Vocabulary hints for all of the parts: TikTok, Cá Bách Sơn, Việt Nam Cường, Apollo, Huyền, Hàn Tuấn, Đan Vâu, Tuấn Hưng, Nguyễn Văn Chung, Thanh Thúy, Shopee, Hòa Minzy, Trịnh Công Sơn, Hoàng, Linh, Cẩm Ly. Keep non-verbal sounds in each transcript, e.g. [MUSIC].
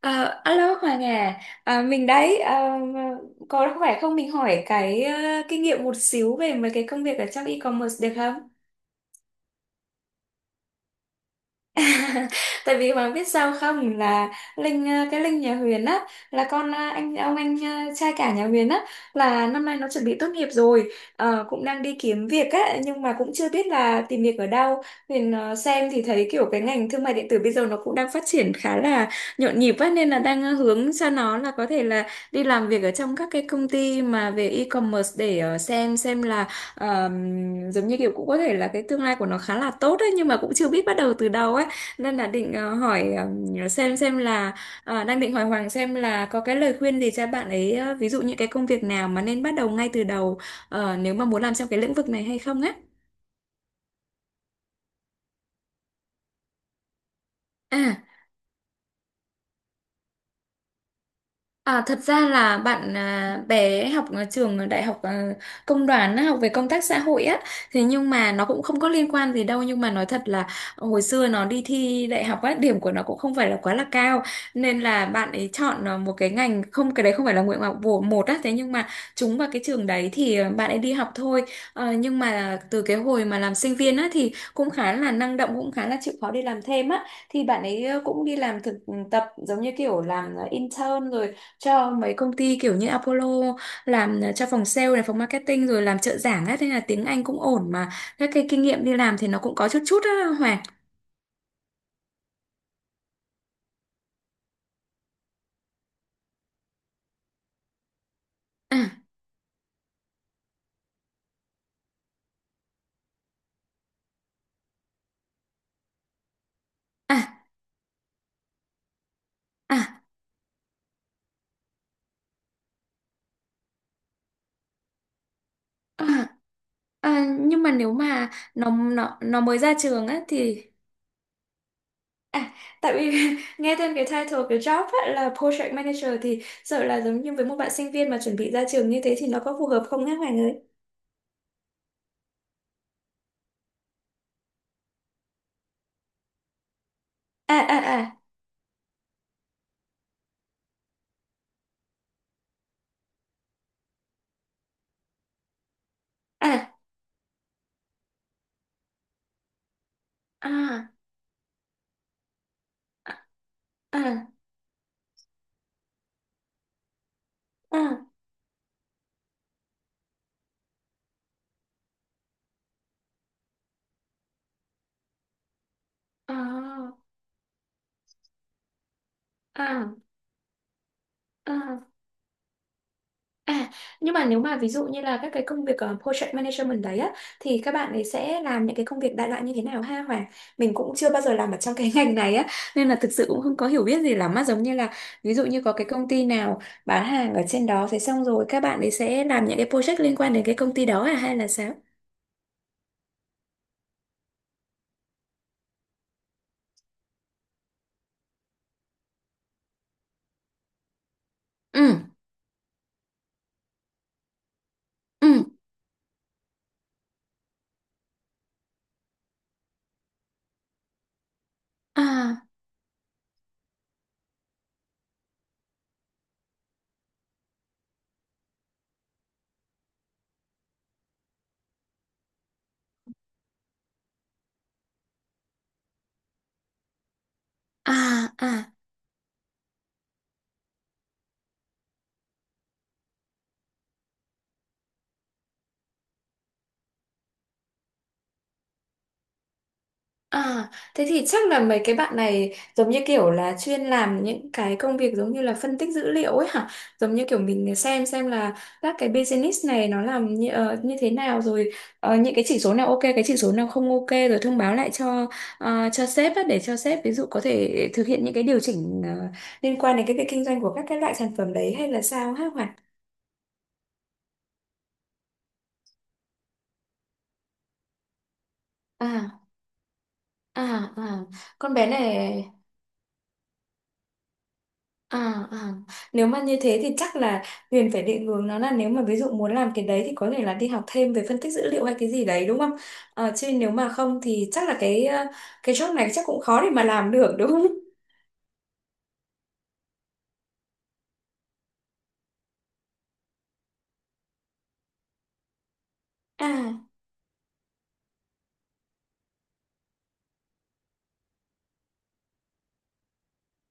À, alo Hoàng à, à mình đấy à, có khỏe không mình hỏi cái kinh nghiệm một xíu về mấy cái công việc ở trong e-commerce được không? [LAUGHS] Tại vì bạn biết sao không là Linh cái Linh nhà Huyền á là con anh ông anh trai cả nhà Huyền á là năm nay nó chuẩn bị tốt nghiệp rồi. Ờ, cũng đang đi kiếm việc á nhưng mà cũng chưa biết là tìm việc ở đâu. Huyền xem thì thấy kiểu cái ngành thương mại điện tử bây giờ nó cũng đang phát triển khá là nhộn nhịp á nên là đang hướng cho nó là có thể là đi làm việc ở trong các cái công ty mà về e-commerce để xem là ờ, giống như kiểu cũng có thể là cái tương lai của nó khá là tốt á nhưng mà cũng chưa biết bắt đầu từ đâu ấy, nên là định hỏi xem là đang định hỏi Hoàng xem là có cái lời khuyên gì cho bạn ấy, ví dụ những cái công việc nào mà nên bắt đầu ngay từ đầu, nếu mà muốn làm trong cái lĩnh vực này hay không á. À, à, thật ra là bạn à, bé học ở trường đại học công đoàn á, học về công tác xã hội á, thế nhưng mà nó cũng không có liên quan gì đâu, nhưng mà nói thật là hồi xưa nó đi thi đại học á, điểm của nó cũng không phải là quá là cao, nên là bạn ấy chọn một cái ngành không, cái đấy không phải là nguyện vọng của một á, thế nhưng mà trúng vào cái trường đấy thì bạn ấy đi học thôi. Ờ, nhưng mà từ cái hồi mà làm sinh viên á thì cũng khá là năng động, cũng khá là chịu khó đi làm thêm á, thì bạn ấy cũng đi làm thực tập giống như kiểu làm intern rồi cho mấy công ty kiểu như Apollo, làm cho phòng sale này, phòng marketing, rồi làm trợ giảng á, thế là tiếng Anh cũng ổn mà các cái kinh nghiệm đi làm thì nó cũng có chút chút á Hoàng. À, à, à, à. À, nhưng mà nếu mà nó mới ra trường á thì à, tại vì [LAUGHS] nghe tên cái title cái job á là project manager thì sợ là giống như với một bạn sinh viên mà chuẩn bị ra trường như thế thì nó có phù hợp không á Hoàng ơi? À, à, à, à, à, à, à, à, à, à. À, nhưng mà nếu mà ví dụ như là các cái công việc project management đấy á thì các bạn ấy sẽ làm những cái công việc đại loại như thế nào ha Hoàng? Mình cũng chưa bao giờ làm ở trong cái [LAUGHS] ngành này á nên là thực sự cũng không có hiểu biết gì lắm á, giống như là ví dụ như có cái công ty nào bán hàng ở trên đó, thế xong rồi các bạn ấy sẽ làm những cái project liên quan đến cái công ty đó à hay là sao? Ừ, ừ. À, à, à. À, thế thì chắc là mấy cái bạn này giống như kiểu là chuyên làm những cái công việc giống như là phân tích dữ liệu ấy hả? Giống như kiểu mình xem là các cái business này nó làm như thế nào, rồi những cái chỉ số nào ok, cái chỉ số nào không ok, rồi thông báo lại cho cho sếp á, để cho sếp ví dụ có thể thực hiện những cái điều chỉnh liên quan đến cái việc kinh doanh của các cái loại sản phẩm đấy hay là sao hả Hoàn? À, à, à, con bé này. À, à. Nếu mà như thế thì chắc là Huyền phải định hướng nó là nếu mà ví dụ muốn làm cái đấy thì có thể là đi học thêm về phân tích dữ liệu hay cái gì đấy đúng không? Ờ, chứ nếu mà không thì chắc là cái cái job này chắc cũng khó để mà làm được đúng không? À,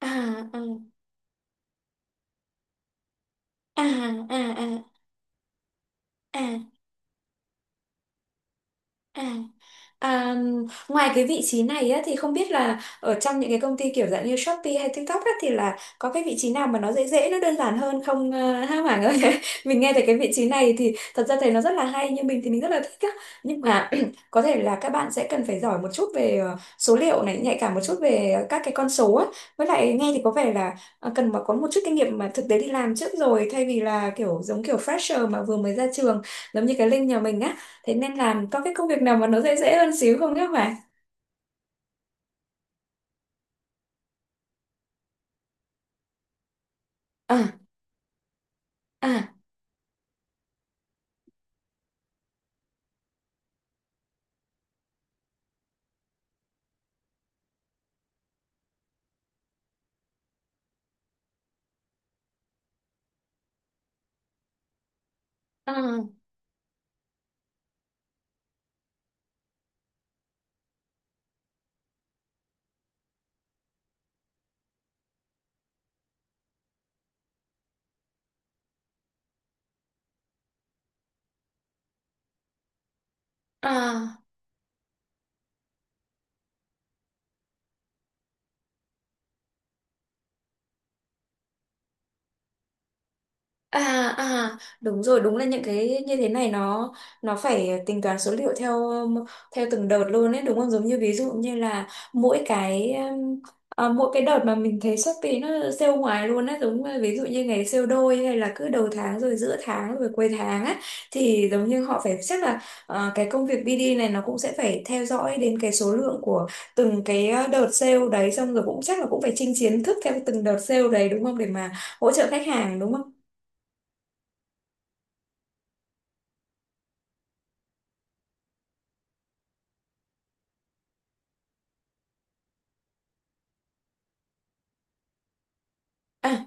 à, à, à, à, à, à. À. À, ngoài cái vị trí này á, thì không biết là ở trong những cái công ty kiểu dạng như Shopee hay TikTok á, thì là có cái vị trí nào mà nó dễ dễ nó đơn giản hơn không ha Hoàng ơi? [LAUGHS] Mình nghe thấy cái vị trí này thì thật ra thấy nó rất là hay, nhưng mình thì mình rất là thích á, nhưng mà [CLEARS THROAT] có thể là các bạn sẽ cần phải giỏi một chút về số liệu này, nhạy cảm một chút về các cái con số á, với lại nghe thì có vẻ là cần mà có một chút kinh nghiệm mà thực tế đi làm trước, rồi thay vì là kiểu giống kiểu fresher mà vừa mới ra trường giống như cái Linh nhà mình á. Thế nên làm có cái công việc nào mà nó dễ dễ hơn xíu không các bạn? À, à, à, à. À, à, đúng rồi, đúng là những cái như thế này nó phải tính toán số liệu theo theo từng đợt luôn ấy đúng không, giống như ví dụ như là mỗi cái um, mỗi cái đợt mà mình thấy Shopee nó sale ngoài luôn á, giống như ví dụ như ngày sale đôi hay là cứ đầu tháng rồi giữa tháng rồi cuối tháng á, thì giống như họ phải chắc là cái công việc BD này nó cũng sẽ phải theo dõi đến cái số lượng của từng cái đợt sale đấy, xong rồi cũng chắc là cũng phải chinh chiến thức theo từng đợt sale đấy đúng không để mà hỗ trợ khách hàng đúng không? À,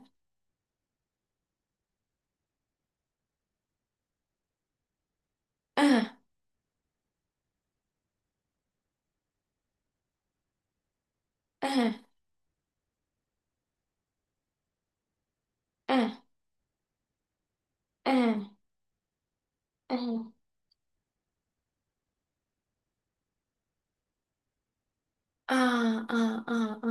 à, à, à, à, à. À, à, à, à.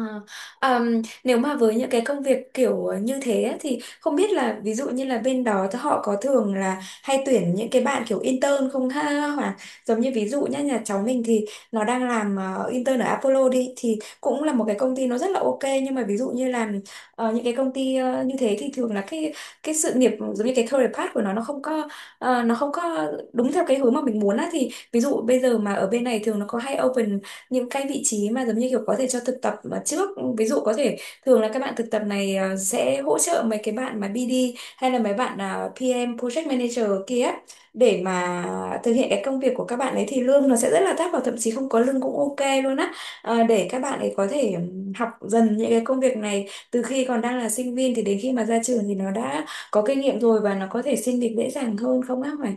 Àm, nếu mà với những cái công việc kiểu như thế á, thì không biết là ví dụ như là bên đó thì họ có thường là hay tuyển những cái bạn kiểu intern không ha, hoặc giống như ví dụ nhá nhà cháu mình thì nó đang làm intern ở Apollo đi thì cũng là một cái công ty nó rất là ok, nhưng mà ví dụ như là những cái công ty như thế thì thường là cái sự nghiệp giống như cái career path của nó không có nó không có đúng theo cái hướng mà mình muốn á, thì ví dụ bây giờ mà ở bên này thường nó có hay open những cái vị trí mà giống như kiểu có thể cho thực tập mà trước, ví dụ có thể thường là các bạn thực tập này sẽ hỗ trợ mấy cái bạn mà BD hay là mấy bạn PM Project Manager kia á, để mà thực hiện cái công việc của các bạn ấy thì lương nó sẽ rất là thấp và thậm chí không có lương cũng ok luôn á. Ờ, để các bạn ấy có thể học dần những cái công việc này từ khi còn đang là sinh viên, thì đến khi mà ra trường thì nó đã có kinh nghiệm rồi và nó có thể xin việc dễ dàng hơn không á Hoài?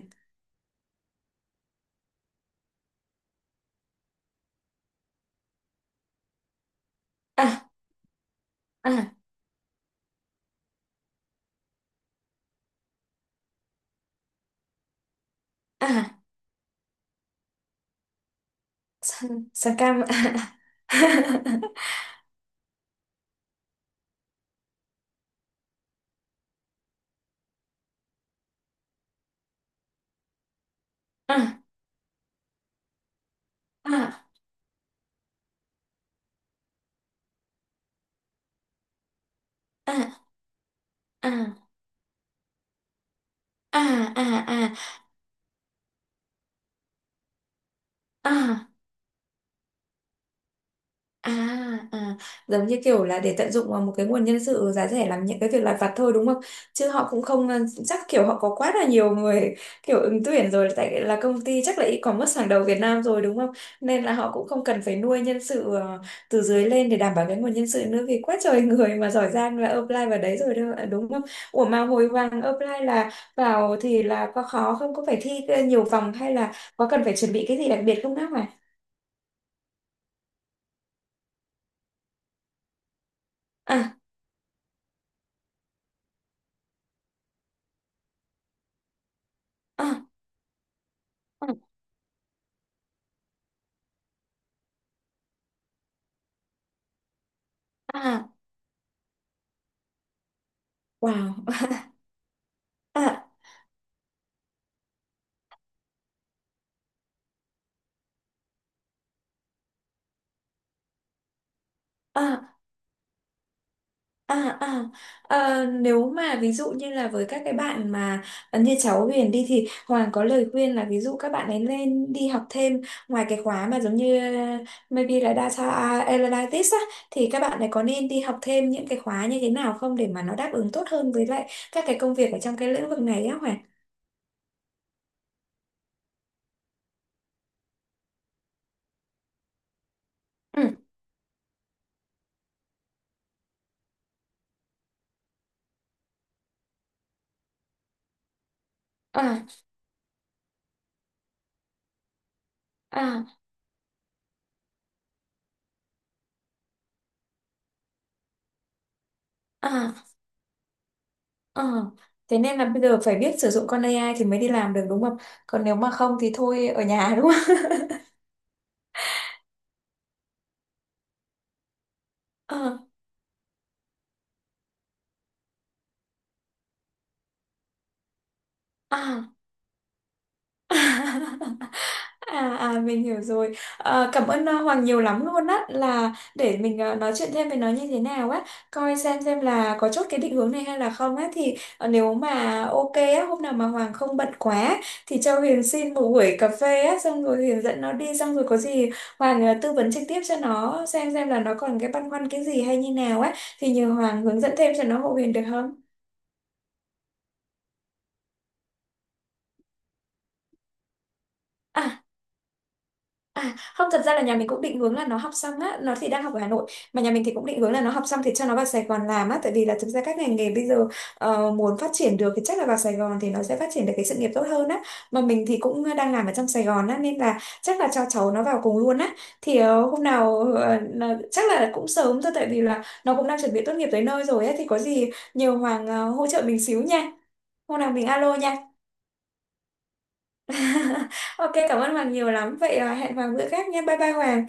À, à, à, sang, sang cam ạ. [LAUGHS] À, à, à, à, à, à, à, à. À, à, giống như kiểu là để tận dụng vào một cái nguồn nhân sự giá rẻ làm những cái việc lặt vặt thôi đúng không? Chứ họ cũng không chắc kiểu họ có quá là nhiều người kiểu ứng tuyển rồi, tại là công ty chắc là e-commerce hàng đầu Việt Nam rồi đúng không? Nên là họ cũng không cần phải nuôi nhân sự từ dưới lên để đảm bảo cái nguồn nhân sự nữa, vì quá trời người mà giỏi giang là apply vào đấy rồi đâu, đúng không? Ủa mà hồi vàng apply là vào thì là có khó không? Có phải thi nhiều vòng hay là có cần phải chuẩn bị cái gì đặc biệt không các bạn? À, à, à, à, wow. À, à, à, à. Ờ, nếu mà ví dụ như là với các cái bạn mà như cháu Huyền đi thì Hoàng có lời khuyên là ví dụ các bạn ấy nên đi học thêm ngoài cái khóa mà giống như maybe là data analytics á, thì các bạn ấy có nên đi học thêm những cái khóa như thế nào không để mà nó đáp ứng tốt hơn với lại các cái công việc ở trong cái lĩnh vực này á Hoàng. Ừ. À, à, à, à. Thế nên là bây giờ phải biết sử dụng con AI thì mới đi làm được đúng không? Còn nếu mà không thì thôi ở nhà đúng không? [LAUGHS] Ờ, à, [LAUGHS] à, à mình hiểu rồi, à, cảm ơn Hoàng nhiều lắm luôn á, là để mình nói chuyện thêm với nó như thế nào á, coi xem là có chốt cái định hướng này hay là không á, thì nếu mà ok á hôm nào mà Hoàng không bận quá thì cho Huyền xin một buổi cà phê á, xong rồi Huyền dẫn nó đi, xong rồi có gì Hoàng tư vấn trực tiếp cho nó xem là nó còn cái băn khoăn cái gì hay như nào á, thì nhờ Hoàng hướng dẫn thêm cho nó hộ Huyền được không? [LAUGHS] À, không thật ra là nhà mình cũng định hướng là nó học xong á, nó thì đang học ở Hà Nội, mà nhà mình thì cũng định hướng là nó học xong thì cho nó vào Sài Gòn làm á, tại vì là thực ra các ngành nghề bây giờ muốn phát triển được thì chắc là vào Sài Gòn thì nó sẽ phát triển được cái sự nghiệp tốt hơn á, mà mình thì cũng đang làm ở trong Sài Gòn á nên là chắc là cho cháu nó vào cùng luôn á, thì hôm nào chắc là cũng sớm thôi, tại vì là nó cũng đang chuẩn bị tốt nghiệp tới nơi rồi á, thì có gì nhiều Hoàng hỗ trợ mình xíu nha, hôm nào mình alo nha. [LAUGHS] Ok, cảm ơn Hoàng nhiều lắm vậy, hẹn Hoàng bữa khác nha, bye bye Hoàng.